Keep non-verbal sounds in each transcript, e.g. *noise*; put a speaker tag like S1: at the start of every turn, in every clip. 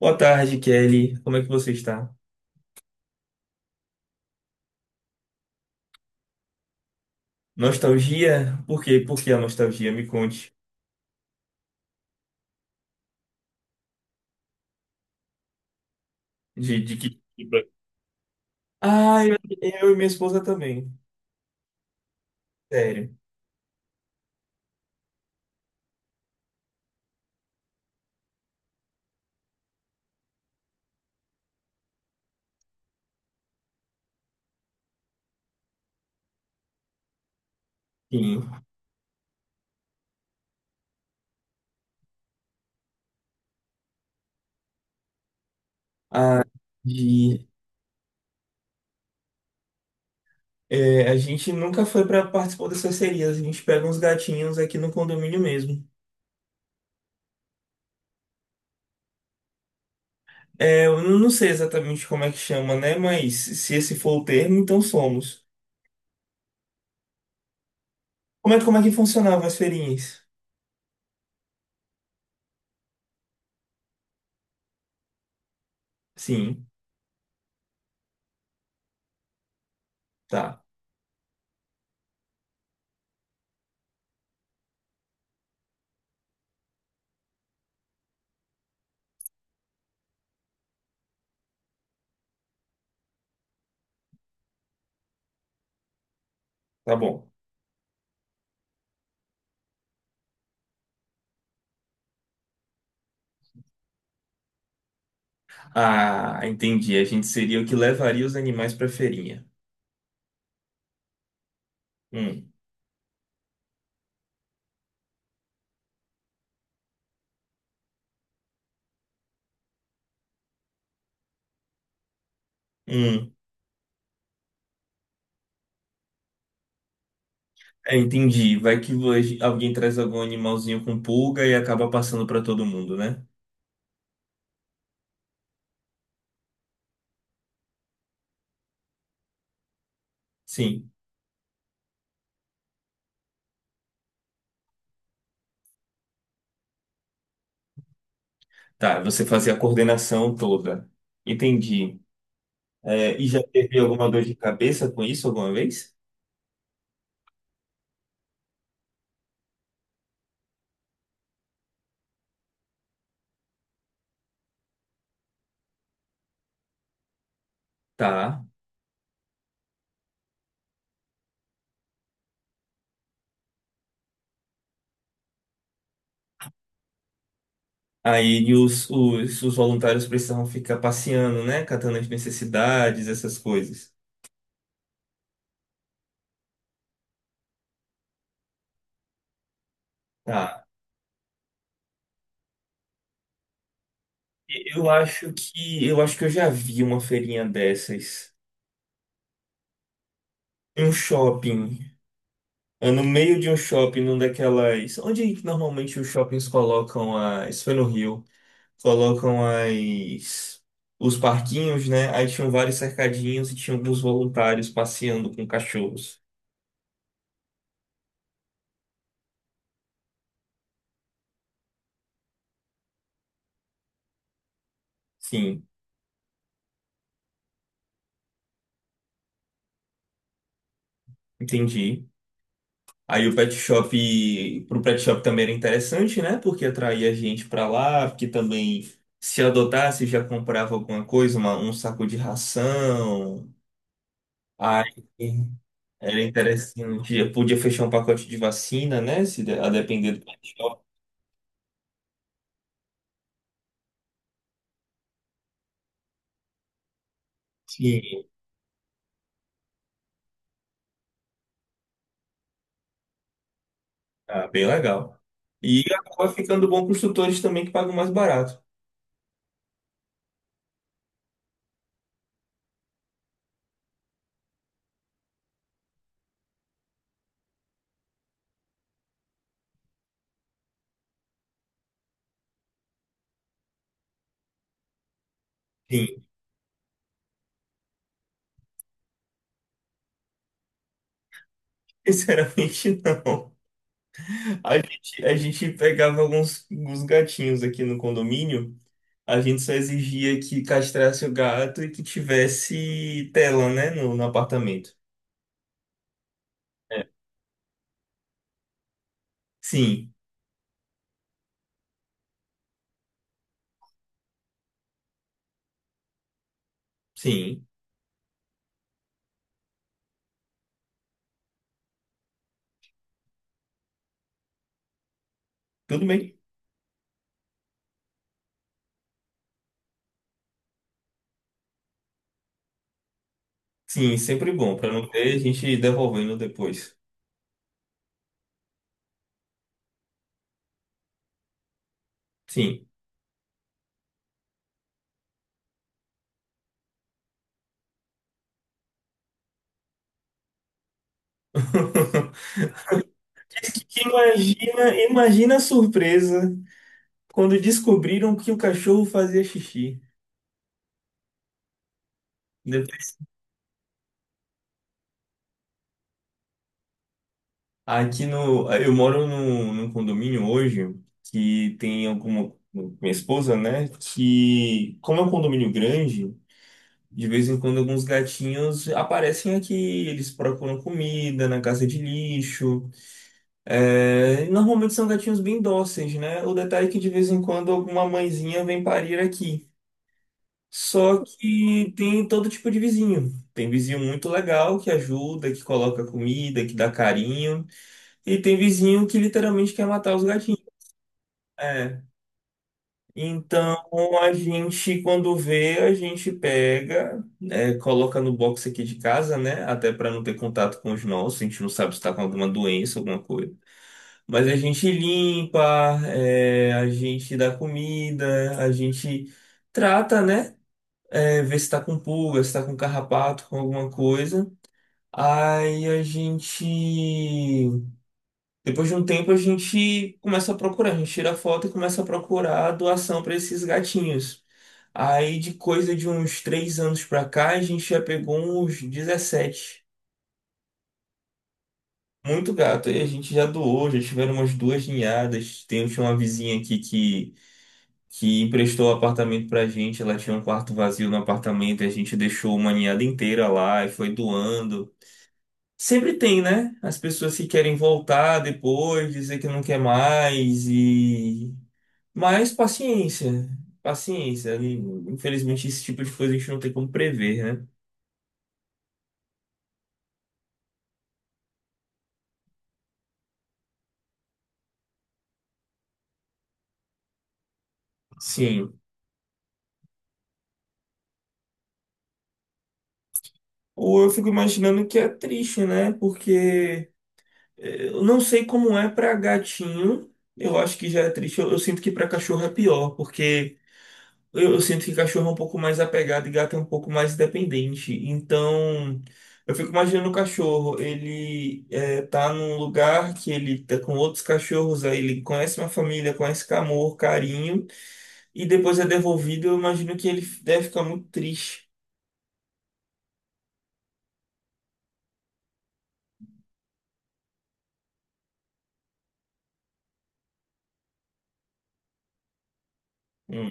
S1: Boa tarde, Kelly. Como é que você está? Nostalgia? Por quê? Por que a nostalgia? Me conte. De que tipo? Ah, eu, eu e minha esposa também. Sério. Sim. Ah, de, é, a gente nunca foi para participar dessas serias. A gente pega uns gatinhos aqui no condomínio mesmo. É, eu não sei exatamente como é que chama, né? Mas se esse for o termo, então somos. Como é que funcionavam as feirinhas? Sim, tá. Tá bom. Ah, entendi. A gente seria o que levaria os animais pra feirinha. Hum, hum. É, entendi. Alguém traz algum animalzinho com pulga e acaba passando pra todo mundo, né? Sim. Tá, você fazia a coordenação toda. Entendi. É, e já teve alguma dor de cabeça com isso alguma vez? Tá. Aí os voluntários precisavam ficar passeando, né? Catando as necessidades, essas coisas. Tá. E eu acho que eu já vi uma feirinha dessas. Um shopping, ah, no meio de um shopping, num daquelas. Onde que normalmente os shoppings colocam as. Isso foi no Rio. Colocam as. Os parquinhos, né? Aí tinham vários cercadinhos e tinha alguns voluntários passeando com cachorros. Sim, entendi. Aí o pet shop, pro pet shop também era interessante, né? Porque atraía gente pra lá, porque também se adotasse já comprava alguma coisa, um saco de ração. Aí era interessante. Eu podia fechar um pacote de vacina, né? Se de- a depender do material. Sim. Ah, bem legal. E acaba ficando bom para os tutores também que pagam mais barato. Sim. *laughs* Sinceramente, não. A gente pegava alguns gatinhos aqui no condomínio. A gente só exigia que castrasse o gato e que tivesse tela, né? No apartamento. É. Sim, sim. Tudo bem. Sim, sempre bom. Para não ter gente devolvendo depois. Sim. *laughs* É que imagina a surpresa quando descobriram que o cachorro fazia xixi. Depois- Aqui no, eu moro num condomínio hoje que tem alguma, minha esposa, né? Que, como é um condomínio grande, de vez em quando alguns gatinhos aparecem aqui, eles procuram comida na casa de lixo. É, normalmente são gatinhos bem dóceis, né? O detalhe é que de vez em quando alguma mãezinha vem parir aqui. Só que tem todo tipo de vizinho. Tem vizinho muito legal que ajuda, que coloca comida, que dá carinho. E tem vizinho que literalmente quer matar os gatinhos. É. Então a gente, quando vê, a gente pega, é, coloca no box aqui de casa, né? Até para não ter contato com os nossos. A gente não sabe se está com alguma doença, alguma coisa. Mas a gente limpa, é, a gente dá comida, a gente trata, né? É, ver se tá com pulga, se tá com carrapato, com alguma coisa. Aí a gente, depois de um tempo, a gente começa a procurar, a gente tira a foto e começa a procurar a doação para esses gatinhos. Aí de coisa de uns 3 anos pra cá, a gente já pegou uns 17. Muito gato. Aí a gente já doou, já tiveram umas duas ninhadas. Tinha uma vizinha aqui que emprestou o apartamento pra gente. Ela tinha um quarto vazio no apartamento, e a gente deixou uma ninhada inteira lá e foi doando. Sempre tem, né? As pessoas que querem voltar depois, dizer que não quer mais e. Mas paciência. E, infelizmente, esse tipo de coisa a gente não tem como prever, né? Sim. Ou eu fico imaginando que é triste, né? Porque eh, eu não sei como é pra gatinho. Eu acho que já é triste. Eu sinto que pra cachorro é pior, porque eu sinto que cachorro é um pouco mais apegado e gato é um pouco mais dependente. Então, eu fico imaginando o cachorro, ele é, tá num lugar que ele tá com outros cachorros, aí ele conhece uma família, conhece com amor, carinho, e depois é devolvido, eu imagino que ele deve ficar muito triste. Hum,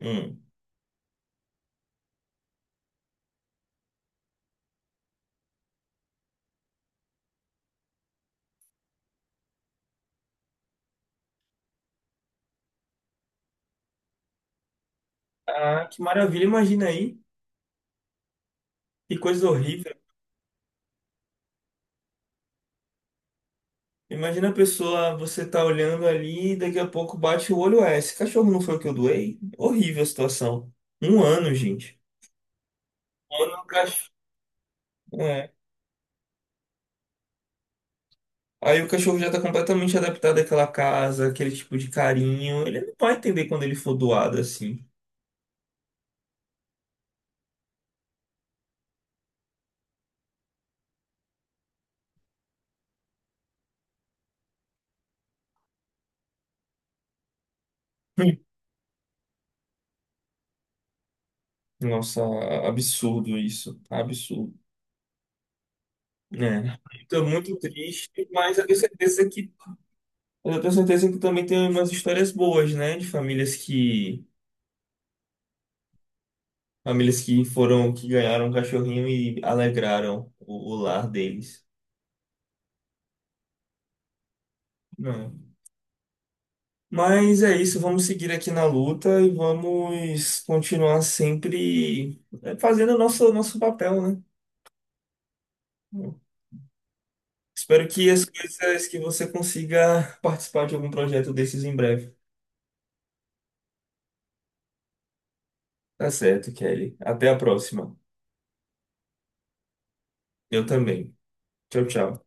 S1: hum. Ah, que maravilha, imagina aí, que coisa horrível. Imagina a pessoa, você tá olhando ali e daqui a pouco bate o olho, é, esse cachorro não foi o que eu doei? Horrível a situação. Um ano, gente. Quando o cachorro. É. Aí o cachorro já tá completamente adaptado àquela casa, aquele tipo de carinho. Ele não vai entender quando ele for doado assim. *laughs* Hum. Nossa, absurdo isso. Absurdo. Né? Então, é. Tô muito triste, mas eu tenho certeza que também tem umas histórias boas, né? De famílias que foram que ganharam um cachorrinho e alegraram o lar deles. Não. Mas é isso, vamos seguir aqui na luta e vamos continuar sempre fazendo o nosso papel, né? Espero que as coisas que você consiga participar de algum projeto desses em breve. Tá certo, Kelly. Até a próxima. Eu também. Tchau, tchau.